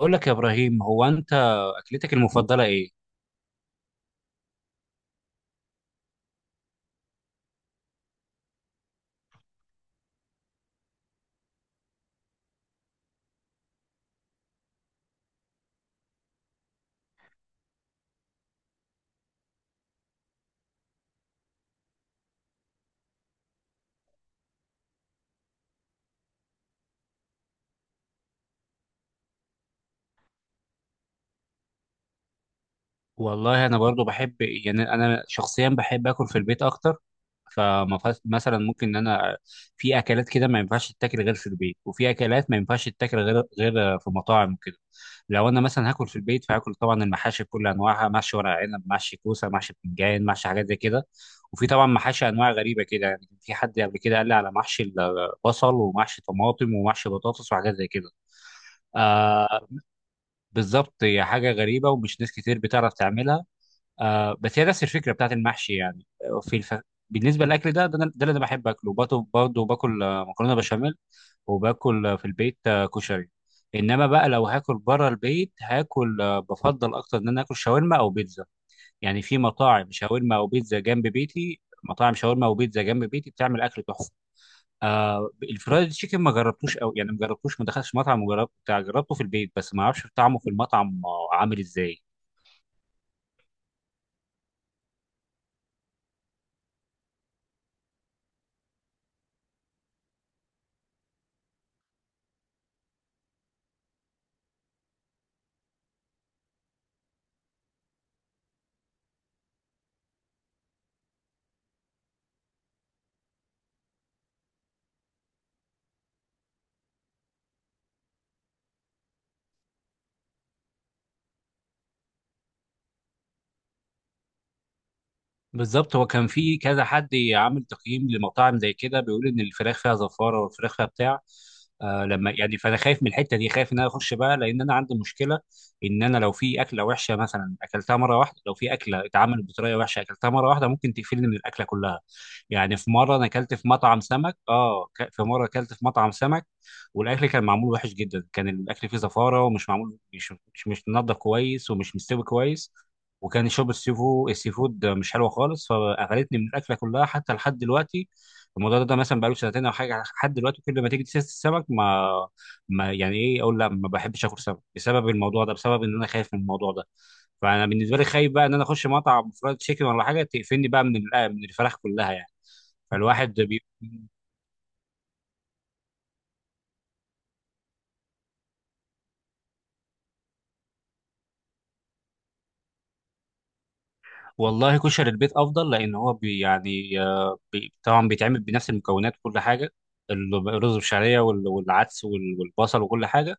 اقول لك يا ابراهيم، هو انت اكلتك المفضله ايه؟ والله انا برضو بحب، يعني انا شخصيا بحب اكل في البيت اكتر. فمثلا ممكن، ان انا في اكلات كده ما ينفعش تتاكل غير في البيت، وفي اكلات ما ينفعش تتاكل غير في مطاعم وكده. لو انا مثلا هاكل في البيت، فهاكل طبعا المحاشي بكل انواعها: محشي ورق عنب، محشي كوسه، محشي بتنجان، محشي حاجات زي كده. وفي طبعا محاشي انواع غريبه كده، يعني كان في حد قبل كده قال لي على محشي البصل، ومحشي طماطم، ومحشي بطاطس، وحاجات زي كده. آه، بالظبط، هي حاجة غريبة، ومش ناس كتير بتعرف تعملها. آه، بس هي نفس الفكرة بتاعت المحشي يعني. بالنسبة للأكل ده، ده اللي أنا بحب أكله. برضه باكل مكرونة بشاميل، وباكل في البيت كشري. إنما بقى، لو هاكل بره البيت، هاكل بفضل أكتر إن أنا آكل شاورما أو بيتزا. يعني في مطاعم شاورما وبيتزا جنب بيتي بتعمل أكل تحفة. آه، الفرايد تشيكن ما جربتوش قوي، يعني ما جربتوش، ما دخلتش مطعم جربته في البيت، بس ما اعرفش طعمه في المطعم عامل ازاي. بالظبط، هو كان في كذا حد عامل تقييم لمطاعم زي كده، بيقول ان الفراخ فيها زفاره، والفراخ فيها بتاع. لما يعني، فانا خايف من الحته دي، خايف ان انا اخش بقى، لان انا عندي مشكله ان انا لو في اكله وحشه، مثلا اكلتها مره واحده، لو في اكله اتعملت بطريقه وحشه اكلتها مره واحده، ممكن تقفلني من الاكله كلها. يعني في مره انا اكلت في مطعم سمك في مره اكلت في مطعم سمك. والاكل كان معمول وحش جدا، كان الاكل فيه زفاره، ومش معمول، مش منضف كويس، ومش مستوي كويس. وكان يشرب السي فود مش حلوه خالص، فقرفني من الاكله كلها حتى لحد دلوقتي. الموضوع ده مثلا بقاله سنتين او حاجه. لحد دلوقتي كل ما تيجي سيره السمك، ما يعني ايه، اقول لا، ما بحبش اكل سمك بسبب الموضوع ده، بسبب ان انا خايف من الموضوع ده. فانا بالنسبه لي خايف بقى ان انا اخش مطعم فرايد تشيكن ولا حاجه، تقفلني بقى من الفراخ كلها يعني. فالواحد والله كشري البيت افضل، لان هو بي يعني آه، بي طبعا بيتعمل بنفس المكونات وكل حاجه. الرز بالشعريه، والعدس، والبصل وكل حاجه.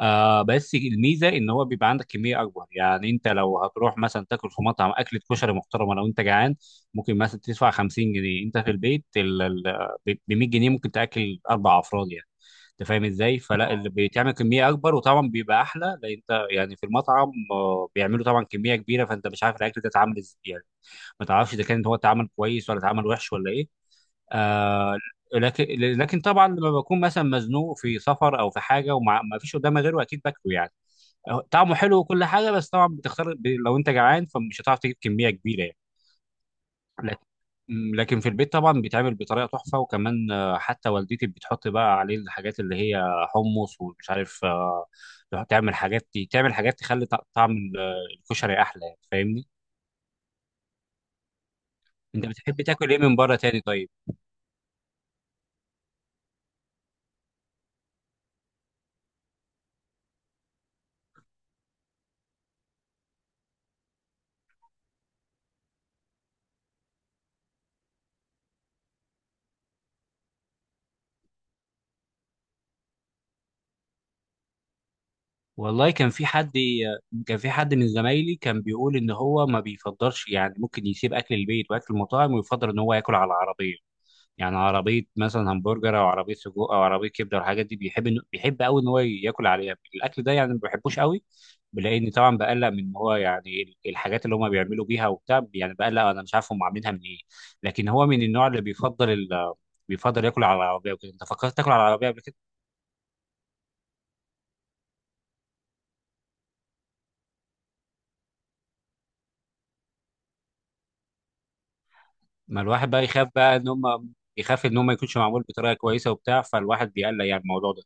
آه، بس الميزه ان هو بيبقى عندك كميه اكبر. يعني انت لو هتروح مثلا تاكل في مطعم اكله كشري محترمه، لو انت جعان، ممكن مثلا تدفع 50 جنيه. انت في البيت ب 100 جنيه ممكن تاكل اربع افراد يعني. انت فاهم ازاي؟ فلا، اللي بيتعمل كميه اكبر وطبعا بيبقى احلى. لان انت يعني في المطعم بيعملوا طبعا كميه كبيره، فانت مش عارف الاكل ده اتعمل ازاي يعني. ما تعرفش اذا كان هو اتعمل كويس، ولا اتعمل وحش، ولا ايه. آه، لكن طبعا لما بكون مثلا مزنوق في سفر او في حاجه وما فيش قدامي غيره، اكيد باكله يعني. طعمه حلو وكل حاجه. بس طبعا بتختار، لو انت جعان فمش هتعرف تجيب كميه كبيره يعني. لكن لكن في البيت طبعا بيتعمل بطريقه تحفه. وكمان حتى والدتي بتحط بقى عليه الحاجات اللي هي حمص، ومش عارف، تعمل حاجات، تخلي طعم الكشري احلى يعني، فاهمني. انت بتحب تاكل ايه من بره تاني طيب؟ والله كان في حد من زمايلي كان بيقول ان هو ما بيفضلش، يعني ممكن يسيب اكل البيت واكل المطاعم ويفضل ان هو ياكل على العربيه. يعني عربيه مثلا همبرجر، او عربيه سجق، او عربيه كبده والحاجات دي. بيحب قوي ان هو ياكل عليها الاكل ده، يعني ما بحبوش قوي. بلاقيني طبعا بقلق من إن هو، يعني الحاجات اللي هم بيعملوا بيها وبتاع، يعني بقلق انا مش عارف هم عاملينها من ايه. لكن هو من النوع اللي بيفضل ياكل على العربيه وكده. انت فكرت تاكل على العربيه قبل كده؟ ما الواحد بقى يخاف بقى ان هم، ما يكونش معمول بطريقه كويسه وبتاع، فالواحد بيقلق يعني الموضوع ده.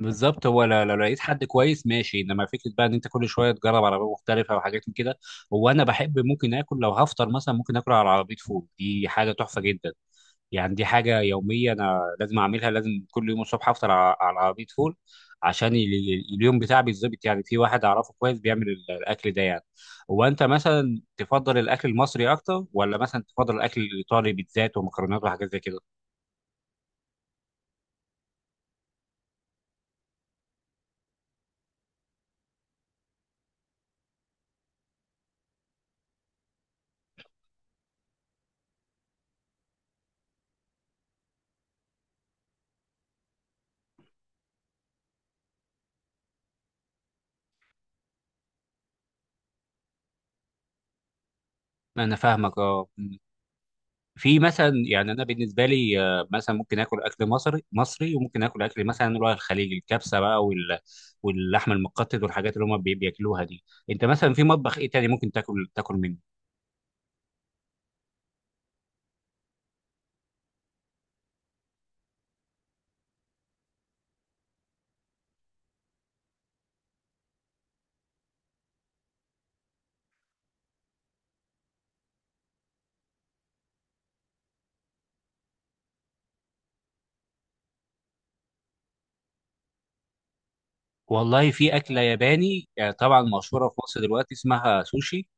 بالظبط، هو لو لقيت حد كويس ماشي. انما فكره بقى ان انت كل شويه تجرب عربيه مختلفه وحاجات من كده. هو انا بحب ممكن اكل. لو هفطر مثلا، ممكن اكل على عربيه فول، دي حاجه تحفه جدا. يعني دي حاجة يومية، أنا لازم أعملها، لازم كل يوم الصبح أفطر على عربية فول. عشان اليوم بتاعي بيتظبط. يعني في واحد أعرفه كويس بيعمل الأكل ده يعني. هو أنت مثلا تفضل الأكل المصري أكتر، ولا مثلا تفضل الأكل الإيطالي، بيتزات ومكرونات وحاجات زي كده؟ أنا فاهمك. أه مم. في مثلا يعني، أنا بالنسبة لي مثلا ممكن آكل أكل مصري مصري، وممكن آكل أكل مثلا اللي هو الخليجي، الكبسة بقى واللحم المقطط والحاجات اللي هم بياكلوها دي. أنت مثلا في مطبخ إيه تاني ممكن تاكل منه؟ والله في أكلة ياباني، طبعا مشهورة في مصر دلوقتي، اسمها سوشي.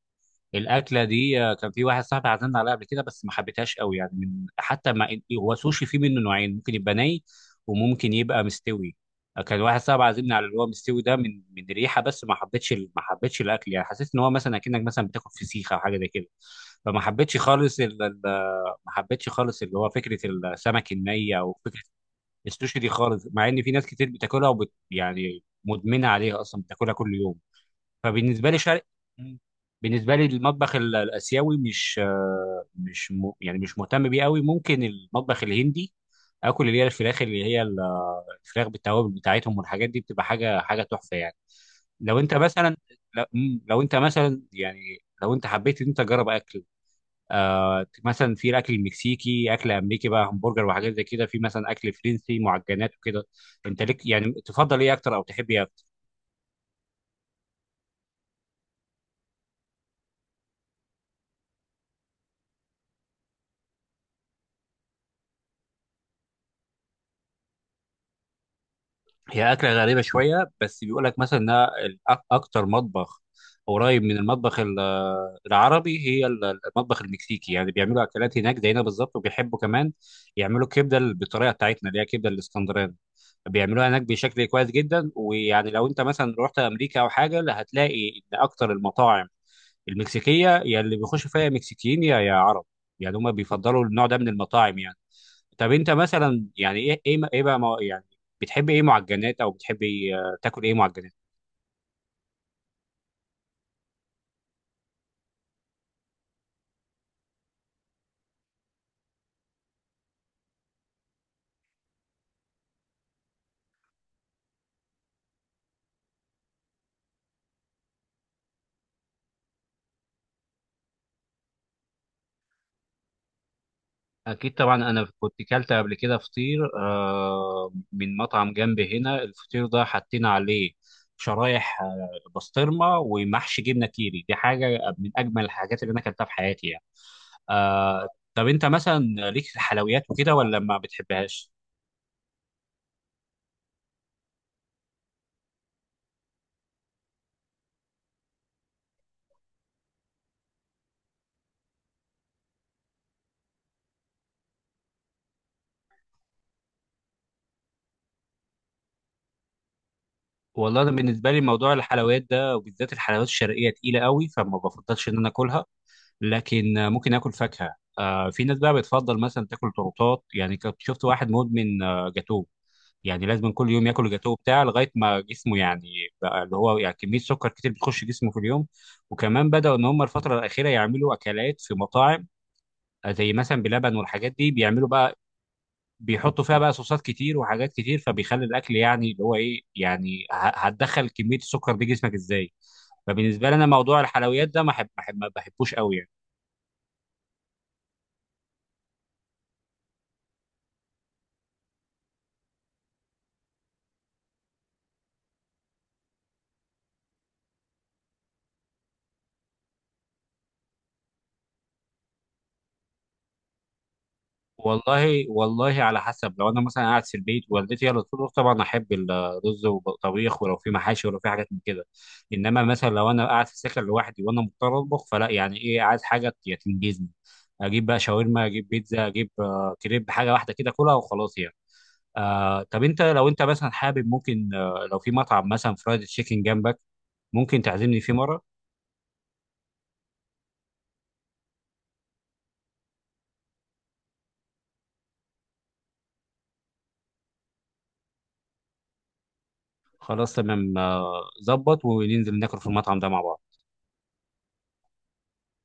الأكلة دي كان في واحد صاحبي عزمنا عليها قبل كده، بس ما حبيتهاش قوي يعني، من حتى ما هو سوشي فيه منه نوعين: ممكن يبقى ني، وممكن يبقى مستوي. كان واحد صاحبي عازمنا على اللي هو مستوي ده، من ريحة، بس ما حبيتش الأكل. يعني حسيت إن هو مثلا أكنك مثلا بتاكل فسيخة أو حاجة زي كده. فما حبيتش خالص ما حبيتش خالص اللي هو فكرة السمك الني، أو فكرة السوشي دي خالص، مع ان في ناس كتير بتاكلها يعني مدمنه عليها اصلا بتاكلها كل يوم. فبالنسبه لي مم. بالنسبه لي المطبخ الاسيوي مش، يعني مش مهتم بيه قوي. ممكن المطبخ الهندي، اكل اللي هي الفراخ، اللي هي الفراخ بالتوابل بتاعتهم والحاجات دي بتبقى حاجه تحفه يعني. لو انت مثلا لو انت مثلا يعني، لو انت حبيت ان انت تجرب اكل، مثلا في الاكل المكسيكي، اكل امريكي بقى همبرجر وحاجات زي كده، في مثلا اكل فرنسي معجنات وكده. انت ليك يعني، تفضل ايه اكتر، او تحب ايه اكتر؟ هي اكله غريبه شويه، بس بيقول لك مثلا انها اكتر مطبخ قريب من المطبخ العربي، هي المطبخ المكسيكي. يعني بيعملوا اكلات هناك زينا بالظبط، وبيحبوا كمان يعملوا الكبده بالطريقه بتاعتنا اللي هي كبده الاسكندراني. بيعملوها هناك بشكل كويس جدا. ويعني لو انت مثلا رحت امريكا او حاجه، لا، هتلاقي ان اكتر المطاعم المكسيكيه يا اللي بيخش فيها مكسيكيين، يا عرب. يعني هم بيفضلوا النوع ده من المطاعم يعني. طب انت مثلا يعني، ايه بقى يعني، بتحب ايه معجنات، او بتحب تاكل ايه معجنات؟ اكيد طبعا، انا كنت كلت قبل كده فطير من مطعم جنب هنا. الفطير ده حاطين عليه شرايح بسطرمه ومحشي جبنه كيري. دي حاجه من اجمل الحاجات اللي انا اكلتها في حياتي يعني. آه، طب انت مثلا ليك في الحلويات وكده، ولا ما بتحبهاش؟ والله انا بالنسبه لي موضوع الحلويات ده، وبالذات الحلويات الشرقيه تقيله قوي، فما بفضلش ان انا اكلها. لكن ممكن اكل فاكهه. في ناس بقى بتفضل مثلا تاكل تورتات، يعني كنت شفت واحد مدمن جاتوه. يعني لازم كل يوم ياكل الجاتوه بتاعه لغايه ما جسمه يعني، بقى اللي هو يعني كميه سكر كتير بتخش جسمه في اليوم. وكمان بداوا ان هم الفتره الاخيره يعملوا اكلات في مطاعم زي مثلا بلبن والحاجات دي بيعملوا بقى، بيحطوا فيها بقى صوصات كتير وحاجات كتير، فبيخلي الاكل يعني اللي هو ايه، يعني هتدخل كميه السكر دي جسمك ازاي. فبالنسبه لي انا موضوع الحلويات ده ما بحبوش قوي يعني. والله على حسب. لو انا مثلا قاعد في البيت والدتي هي اللي تطبخ، طبعا احب الرز والطبيخ، ولو في محاشي ولو في حاجات من كده. انما مثلا لو انا قاعد في السكن لوحدي وانا مضطر اطبخ، فلا يعني، ايه، عايز حاجه تنجزني، اجيب بقى شاورما، اجيب بيتزا، اجيب كريب، حاجه واحده كده كلها وخلاص يعني. آه، طب انت لو انت مثلا حابب، ممكن لو في مطعم مثلا فرايد تشيكن جنبك، ممكن تعزمني فيه مره؟ خلاص تمام، ظبط. وننزل ناكل في المطعم ده مع بعض.